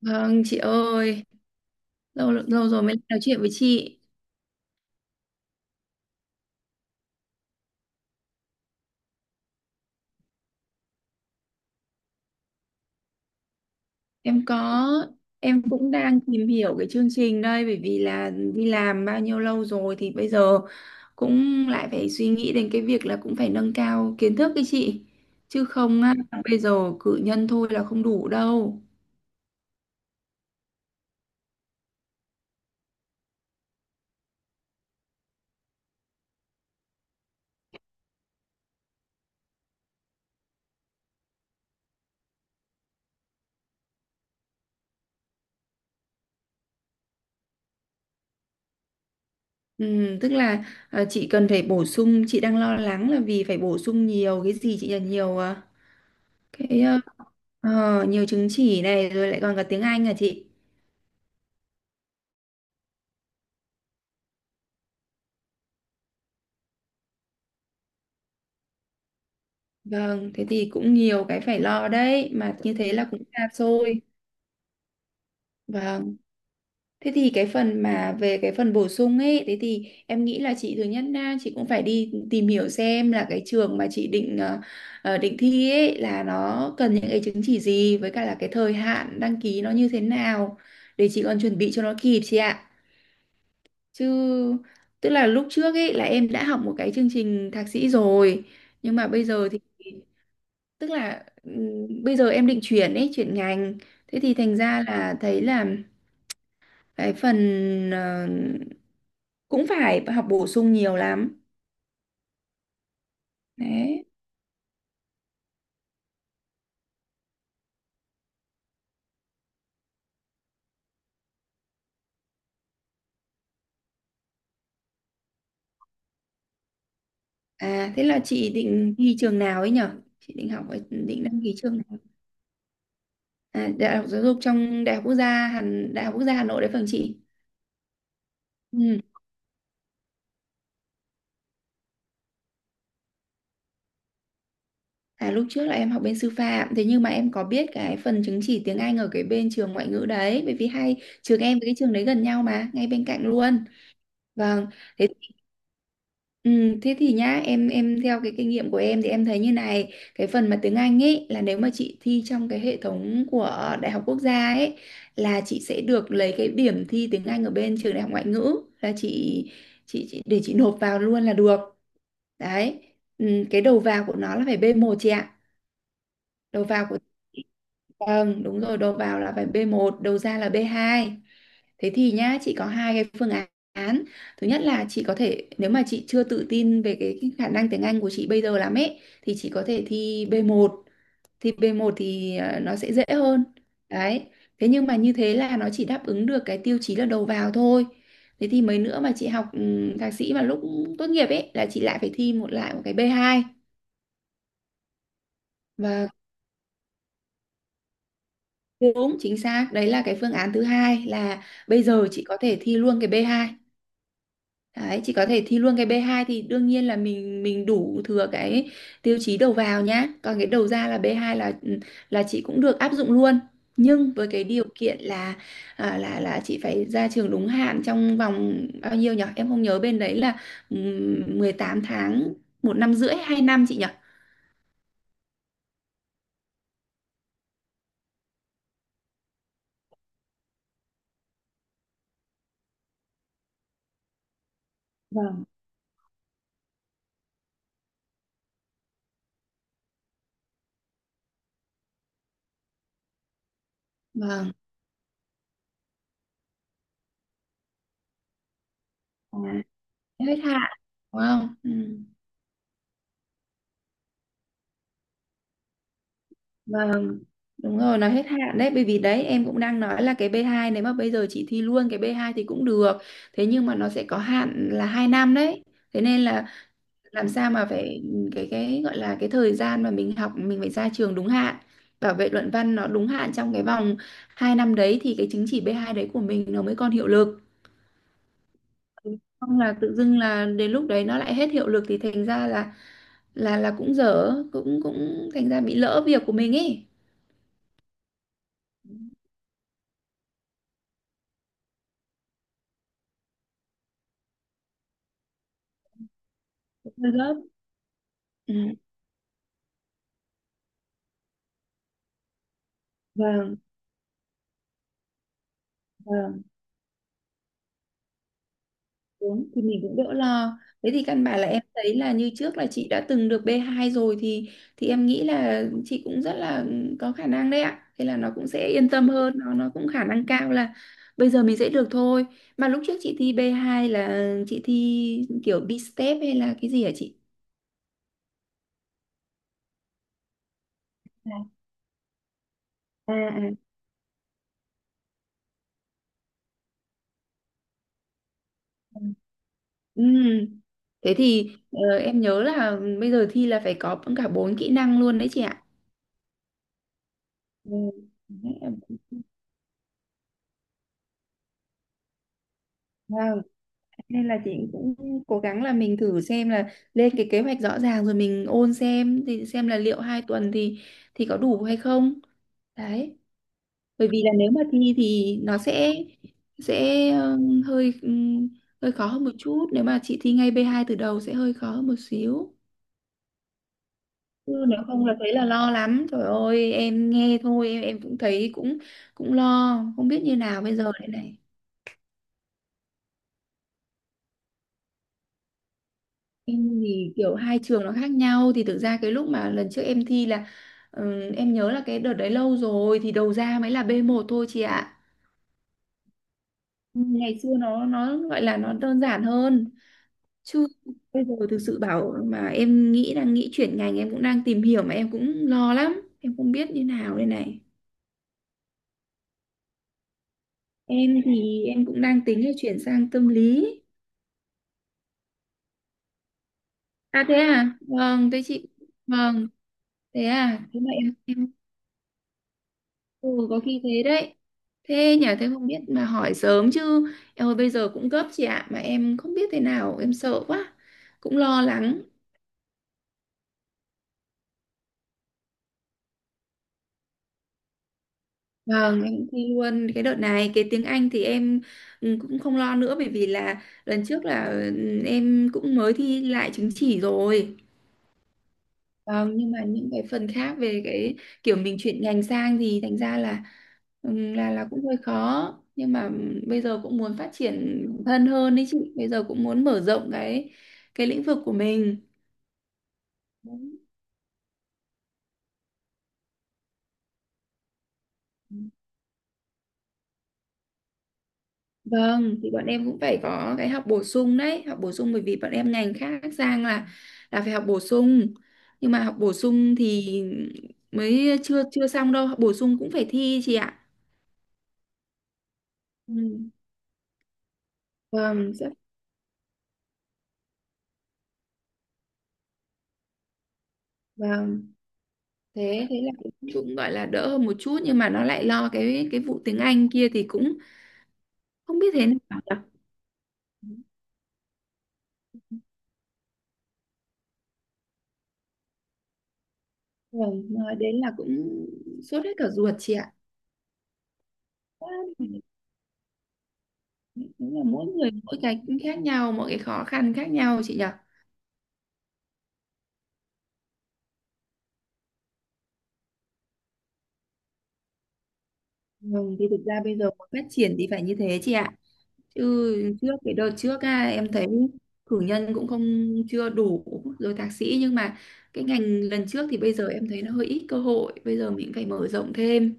Vâng chị ơi, lâu lâu rồi mới nói chuyện với chị. Em có. Em cũng đang tìm hiểu cái chương trình đây bởi vì là đi làm bao nhiêu lâu rồi thì bây giờ cũng lại phải suy nghĩ đến cái việc là cũng phải nâng cao kiến thức ấy chị. Chứ không á, bây giờ cử nhân thôi là không đủ đâu. Ừ, tức là, à, chị cần phải bổ sung, chị đang lo lắng là vì phải bổ sung nhiều cái gì chị là nhiều, à, cái, nhiều chứng chỉ này rồi lại còn cả tiếng Anh à chị. Vâng, thế thì cũng nhiều cái phải lo đấy, mà như thế là cũng xa xôi. Vâng, thế thì cái phần mà về cái phần bổ sung ấy, thế thì em nghĩ là chị thứ nhất là chị cũng phải đi tìm hiểu xem là cái trường mà chị định thi ấy là nó cần những cái chứng chỉ gì với cả là cái thời hạn đăng ký nó như thế nào để chị còn chuẩn bị cho nó kịp chị ạ. Chứ tức là lúc trước ấy là em đã học một cái chương trình thạc sĩ rồi, nhưng mà bây giờ thì tức là, bây giờ em định chuyển ngành, thế thì thành ra là thấy là cái phần, ờ, cũng phải học bổ sung nhiều lắm đấy. À, thế là chị định thi trường nào ấy nhở? Chị định học ở- Định đăng ký trường nào? À, Đại học Giáo dục trong Đại học Quốc gia Hà Nội đấy phần chị. Ừ. À, lúc trước là em học bên sư phạm, thế nhưng mà em có biết cái phần chứng chỉ tiếng Anh ở cái bên trường ngoại ngữ đấy, bởi vì hai trường em với cái trường đấy gần nhau, mà ngay bên cạnh luôn. Vâng. Thế. Ừ, thế thì nhá, em theo cái kinh nghiệm của em thì em thấy như này, cái phần mà tiếng Anh ấy là nếu mà chị thi trong cái hệ thống của Đại học Quốc gia ấy là chị sẽ được lấy cái điểm thi tiếng Anh ở bên trường Đại học Ngoại ngữ là chị để chị nộp vào luôn là được đấy. Ừ, cái đầu vào của nó là phải b một chị ạ. Đầu vào của Vâng, đúng rồi, đầu vào là phải B1, đầu ra là B2. Thế thì nhá, chị có hai cái phương án. Thứ nhất là chị có thể, nếu mà chị chưa tự tin về cái khả năng tiếng Anh của chị bây giờ lắm ấy, thì chị có thể thi B1. Thi B1 thì, nó sẽ dễ hơn đấy. Thế nhưng mà như thế là nó chỉ đáp ứng được cái tiêu chí là đầu vào thôi. Thế thì mấy nữa mà chị học, thạc sĩ mà lúc tốt nghiệp ấy là chị lại phải thi, một lại một cái B2. Và. Đúng, chính xác. Đấy là cái phương án thứ hai là bây giờ chị có thể thi luôn cái B2. Đấy, chị có thể thi luôn cái B2 thì đương nhiên là mình đủ thừa cái tiêu chí đầu vào nhá. Còn cái đầu ra là B2 là, chị cũng được áp dụng luôn. Nhưng với cái điều kiện là, là chị phải ra trường đúng hạn trong vòng bao nhiêu nhỉ? Em không nhớ bên đấy là, 18 tháng, một năm rưỡi, 2 năm chị nhỉ? Vâng. Vâng. À, hết hạn. Đúng không? Ừ. Vâng, đúng rồi, nó hết hạn đấy, bởi vì đấy em cũng đang nói là cái B2, nếu mà bây giờ chị thi luôn cái B2 thì cũng được. Thế nhưng mà nó sẽ có hạn là 2 năm đấy. Thế nên là làm sao mà phải, cái gọi là cái thời gian mà mình học mình phải ra trường đúng hạn. Bảo vệ luận văn nó đúng hạn trong cái vòng 2 năm đấy thì cái chứng chỉ B2 đấy của mình nó mới còn hiệu lực. Không là tự dưng là đến lúc đấy nó lại hết hiệu lực thì thành ra là, cũng dở, cũng cũng thành ra bị lỡ việc của mình ấy. Hơi gấp. Ừ. Vâng, vâng, đúng thì mình cũng đỡ lo. Thế thì căn bản là em thấy là như trước là chị đã từng được B2 rồi thì em nghĩ là chị cũng rất là có khả năng đấy ạ. Thế là nó cũng sẽ yên tâm hơn, nó cũng khả năng cao là bây giờ mình sẽ được thôi. Mà lúc trước chị thi B2 là chị thi kiểu B-step hay là cái gì hả chị? À, à, à. À. Ừm. Thế thì, em nhớ là bây giờ thi là phải có cả bốn kỹ năng luôn đấy chị ạ. Ừ. Đấy, wow, nên là chị cũng cố gắng là mình thử xem là lên cái kế hoạch rõ ràng rồi mình ôn xem thì xem là liệu 2 tuần thì có đủ hay không đấy, bởi vì là nếu mà thi thì nó sẽ ờ, hơi hơi khó hơn một chút, nếu mà chị thi ngay B2 từ đầu sẽ hơi khó hơn một xíu. Chứ nếu không là thấy là lo lắm, trời ơi em nghe thôi em cũng thấy cũng cũng lo không biết như nào bây giờ đây này. Em thì kiểu hai trường nó khác nhau thì thực ra cái lúc mà lần trước em thi là, em nhớ là cái đợt đấy lâu rồi thì đầu ra mới là B1 thôi chị ạ. Ngày xưa nó gọi là nó đơn giản hơn. Chứ bây giờ thực sự bảo mà em nghĩ đang nghĩ chuyển ngành, em cũng đang tìm hiểu mà em cũng lo lắm em không biết như nào đây này. Em thì em cũng đang tính là chuyển sang tâm lý. À, thế à. Vâng, thế chị. Vâng, thế à, thế mà em. Ừ, có khi thế đấy. Thế nhà, thế không biết mà hỏi sớm chứ. Em ơi bây giờ cũng gấp chị ạ, mà em không biết thế nào, em sợ quá. Cũng lo lắng. Vâng, em cũng thi luôn cái đợt này. Cái tiếng Anh thì em, cũng không lo nữa, bởi vì là lần trước là, em cũng mới thi lại chứng chỉ rồi. Vâng, nhưng mà những cái phần khác về cái kiểu mình chuyển ngành sang thì thành ra là, cũng hơi khó, nhưng mà bây giờ cũng muốn phát triển bản thân hơn đấy chị, bây giờ cũng muốn mở rộng cái lĩnh vực của mình. Đúng. Vâng, thì bọn em cũng phải có cái học bổ sung đấy, học bổ sung, bởi vì bọn em ngành khác sang là phải học bổ sung. Nhưng mà học bổ sung thì mới chưa chưa xong đâu, học bổ sung cũng phải thi chị ạ. Ừ. Vâng, rất. Vâng, thế thế là cũng cũng gọi là đỡ hơn một chút, nhưng mà nó lại lo cái vụ tiếng Anh kia thì cũng không biết thế nào nhỉ? Rồi, nói đến là cũng sốt hết cả ruột chị ạ. Quá là- Đúng là mỗi người mỗi cái khác nhau, mỗi cái khó khăn khác nhau chị nhỉ? Vâng, thì thực ra bây giờ muốn phát triển thì phải như thế chị ạ. Chứ trước cái đợt trước á, em thấy cử nhân cũng không, chưa đủ, rồi thạc sĩ nhưng mà cái ngành lần trước thì bây giờ em thấy nó hơi ít cơ hội, bây giờ mình phải mở rộng thêm.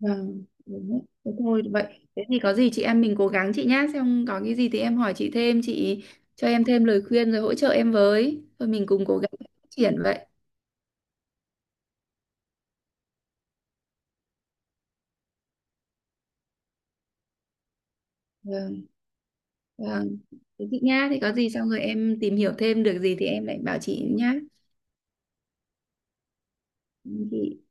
Vâng, đúng đấy. Thế thôi vậy. Thế thì có gì chị em mình cố gắng chị nhá, xem có cái gì thì em hỏi chị thêm, chị cho em thêm lời khuyên rồi hỗ trợ em với. Thôi mình cùng cố gắng phát triển vậy. Vâng, vâng. Thế chị nhá, thì có gì xong rồi em tìm hiểu thêm được gì thì em lại bảo chị nhá. Chị